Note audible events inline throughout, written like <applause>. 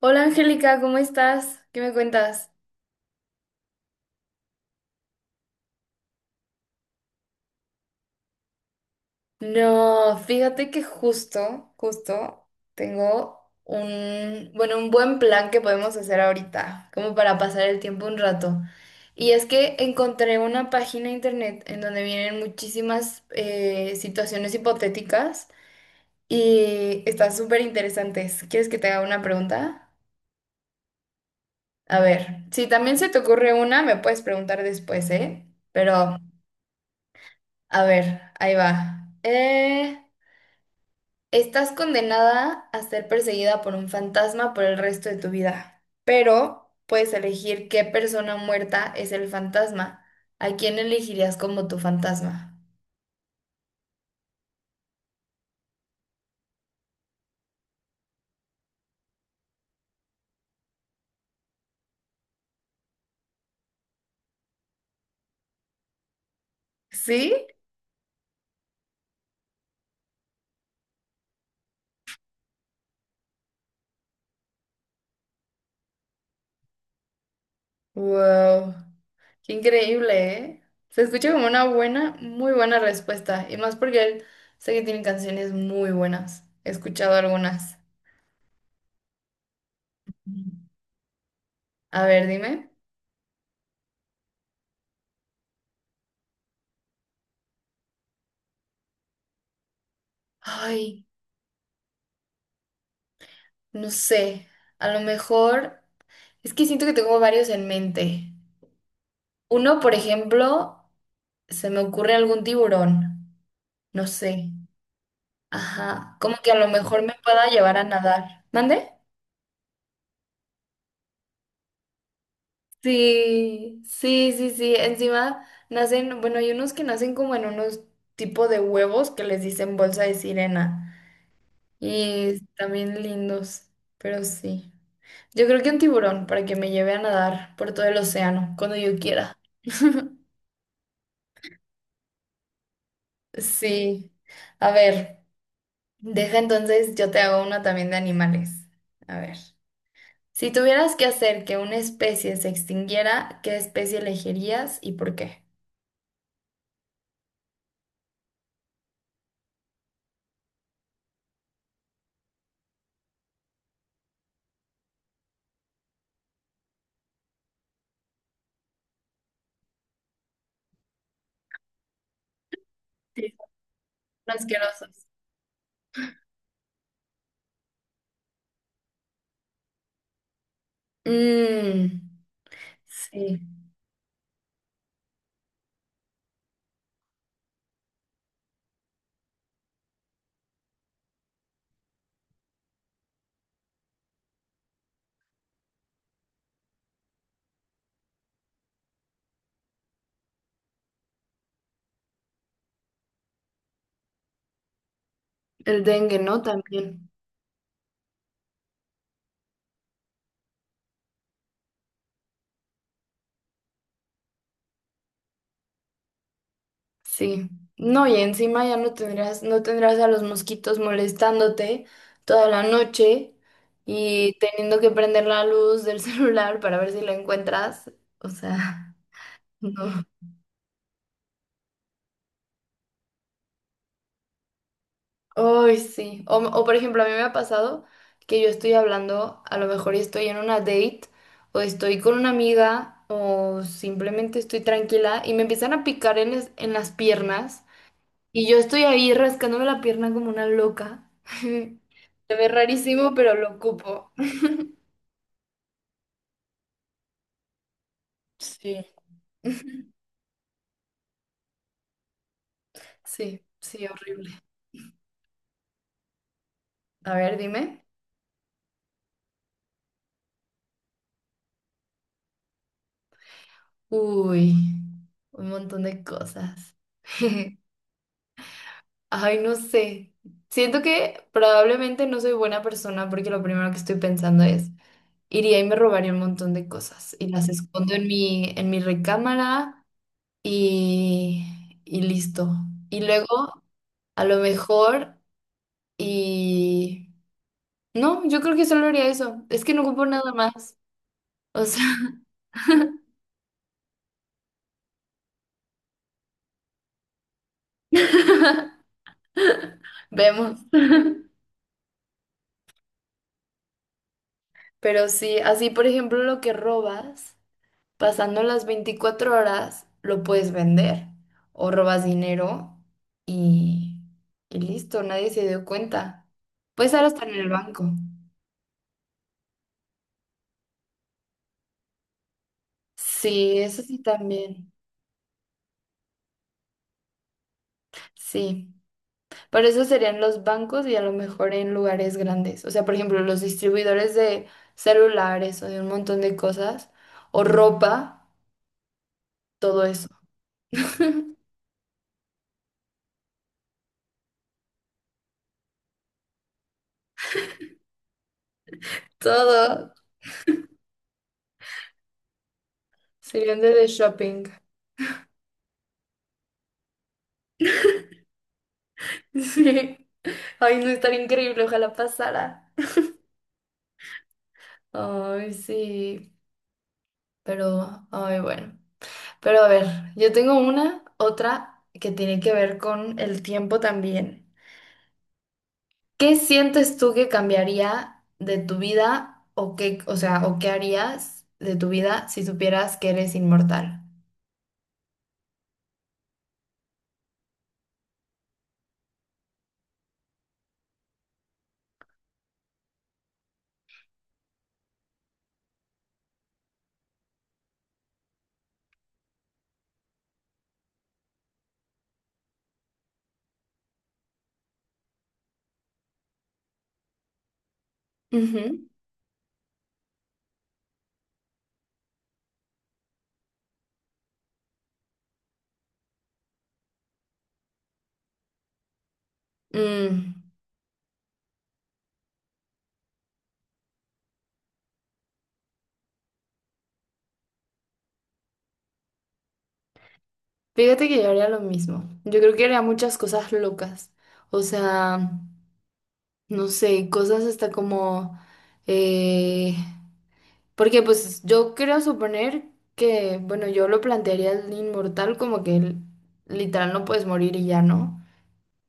Hola Angélica, ¿cómo estás? ¿Qué me cuentas? No, fíjate que justo tengo un buen plan que podemos hacer ahorita, como para pasar el tiempo un rato. Y es que encontré una página de internet en donde vienen muchísimas situaciones hipotéticas y están súper interesantes. ¿Quieres que te haga una pregunta? A ver, si también se te ocurre una, me puedes preguntar después, ¿eh? Pero, a ver, ahí va. Estás condenada a ser perseguida por un fantasma por el resto de tu vida, pero puedes elegir qué persona muerta es el fantasma. ¿A quién elegirías como tu fantasma? ¿Sí? ¡Wow! ¡Qué increíble, eh! Se escucha como una buena, muy buena respuesta, y más porque él sé que tiene canciones muy buenas. He escuchado algunas. Mm. A ver, dime. Ay, no sé. A lo mejor es que siento que tengo varios en mente. Uno, por ejemplo, se me ocurre algún tiburón. No sé. Ajá. Como que a lo mejor me pueda llevar a nadar. ¿Mande? Sí, sí, sí, sí. Encima nacen, bueno, hay unos que nacen como en unos tipo de huevos que les dicen bolsa de sirena. Y también lindos, pero sí. Yo creo que un tiburón para que me lleve a nadar por todo el océano, cuando yo quiera. <laughs> Sí. A ver. Deja entonces, yo te hago uno también de animales. A ver. Si tuvieras que hacer que una especie se extinguiera, ¿qué especie elegirías y por qué? Sí, son asquerosos. Mm, sí. El dengue, ¿no? También. Sí. No, y encima ya no tendrás, no tendrás a los mosquitos molestándote toda la noche y teniendo que prender la luz del <laughs> celular para ver si la encuentras. O sea, <laughs> no. Ay, sí. Por ejemplo, a mí me ha pasado que yo estoy hablando, a lo mejor estoy en una date o estoy con una amiga o simplemente estoy tranquila y me empiezan a picar en, en las piernas y yo estoy ahí rascándome la pierna como una loca. <laughs> Se ve rarísimo, pero lo ocupo. Sí. Sí, sí, horrible. A ver, dime. Uy, un montón de cosas. <laughs> Ay, no sé. Siento que probablemente no soy buena persona porque lo primero que estoy pensando es, iría y me robaría un montón de cosas y las escondo en mi recámara y, y listo. Y luego, a lo mejor, y... No, yo creo que solo haría eso. Es que no ocupo nada más. O sea, <laughs> vemos. Pero sí, así por ejemplo lo que robas. Pasando las 24 horas, lo puedes vender o robas dinero y, y listo, nadie se dio cuenta. Puede estar hasta en el banco. Sí, eso sí también. Sí, pero eso serían los bancos y a lo mejor en lugares grandes. O sea, por ejemplo, los distribuidores de celulares o de un montón de cosas o ropa, todo eso. <laughs> Todo serían de shopping. <laughs> Sí. Ay, no, estaría increíble, ojalá pasara. Ay, sí, pero, ay, bueno. Pero a ver, yo tengo una, otra que tiene que ver con el tiempo también. ¿Qué sientes tú que cambiaría de tu vida o qué, o sea, o qué harías de tu vida si supieras que eres inmortal? Ujú. Mm, Fíjate que yo haría lo mismo. Yo creo que haría muchas cosas locas. O sea, no sé, cosas hasta como... eh, Porque pues yo quiero suponer que, bueno, yo lo plantearía el inmortal como que literal no puedes morir y ya no.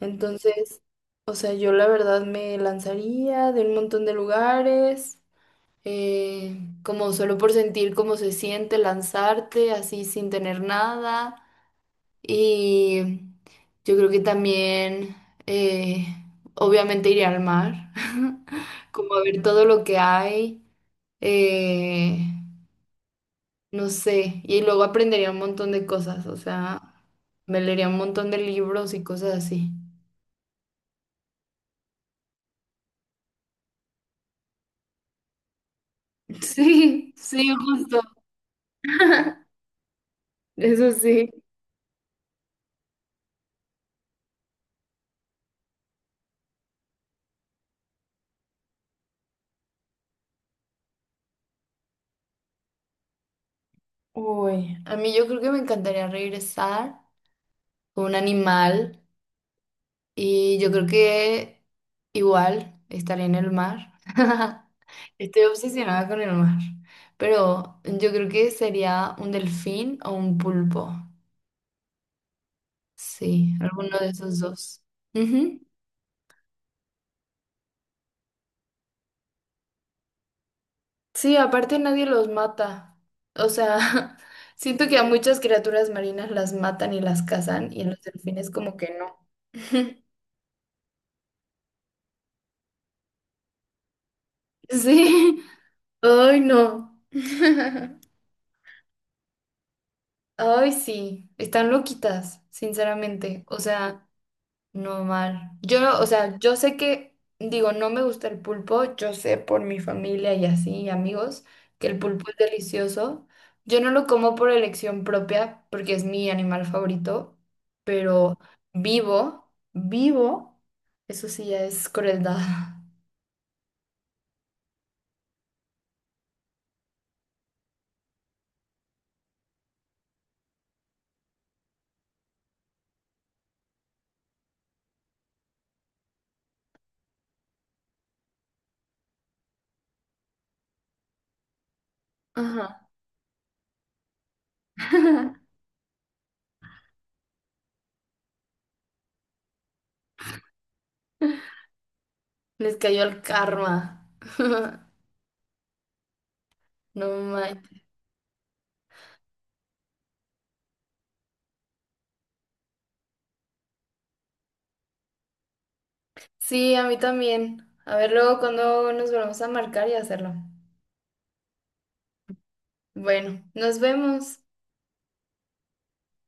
Entonces, o sea, yo la verdad me lanzaría de un montón de lugares, como solo por sentir cómo se siente lanzarte así sin tener nada. Y yo creo que también, eh, obviamente iría al mar, <laughs> como a ver todo lo que hay. Eh, no sé, y luego aprendería un montón de cosas, o sea, me leería un montón de libros y cosas así. <laughs> Sí, sí, justo. <laughs> Eso sí. Uy, a mí yo creo que me encantaría regresar con un animal y yo creo que igual estaría en el mar. <laughs> Estoy obsesionada con el mar, pero yo creo que sería un delfín o un pulpo. Sí, alguno de esos dos. Ujú. Sí, aparte nadie los mata. O sea, <laughs> siento que a muchas criaturas marinas las matan y las cazan y a los delfines como que no. <laughs> Sí. Ay, no. <laughs> Ay, sí. Están loquitas, sinceramente. O sea, no mal. Yo no, o sea, yo sé que, digo, no me gusta el pulpo, yo sé por mi familia y así, y amigos, que el pulpo es delicioso. Yo no lo como por elección propia, porque es mi animal favorito, pero vivo, vivo, eso sí ya es crueldad. Ajá. <laughs> Les cayó el karma. <laughs> No mal. Sí, a mí también. A ver luego cuando nos volvemos a marcar y hacerlo. Bueno, nos vemos.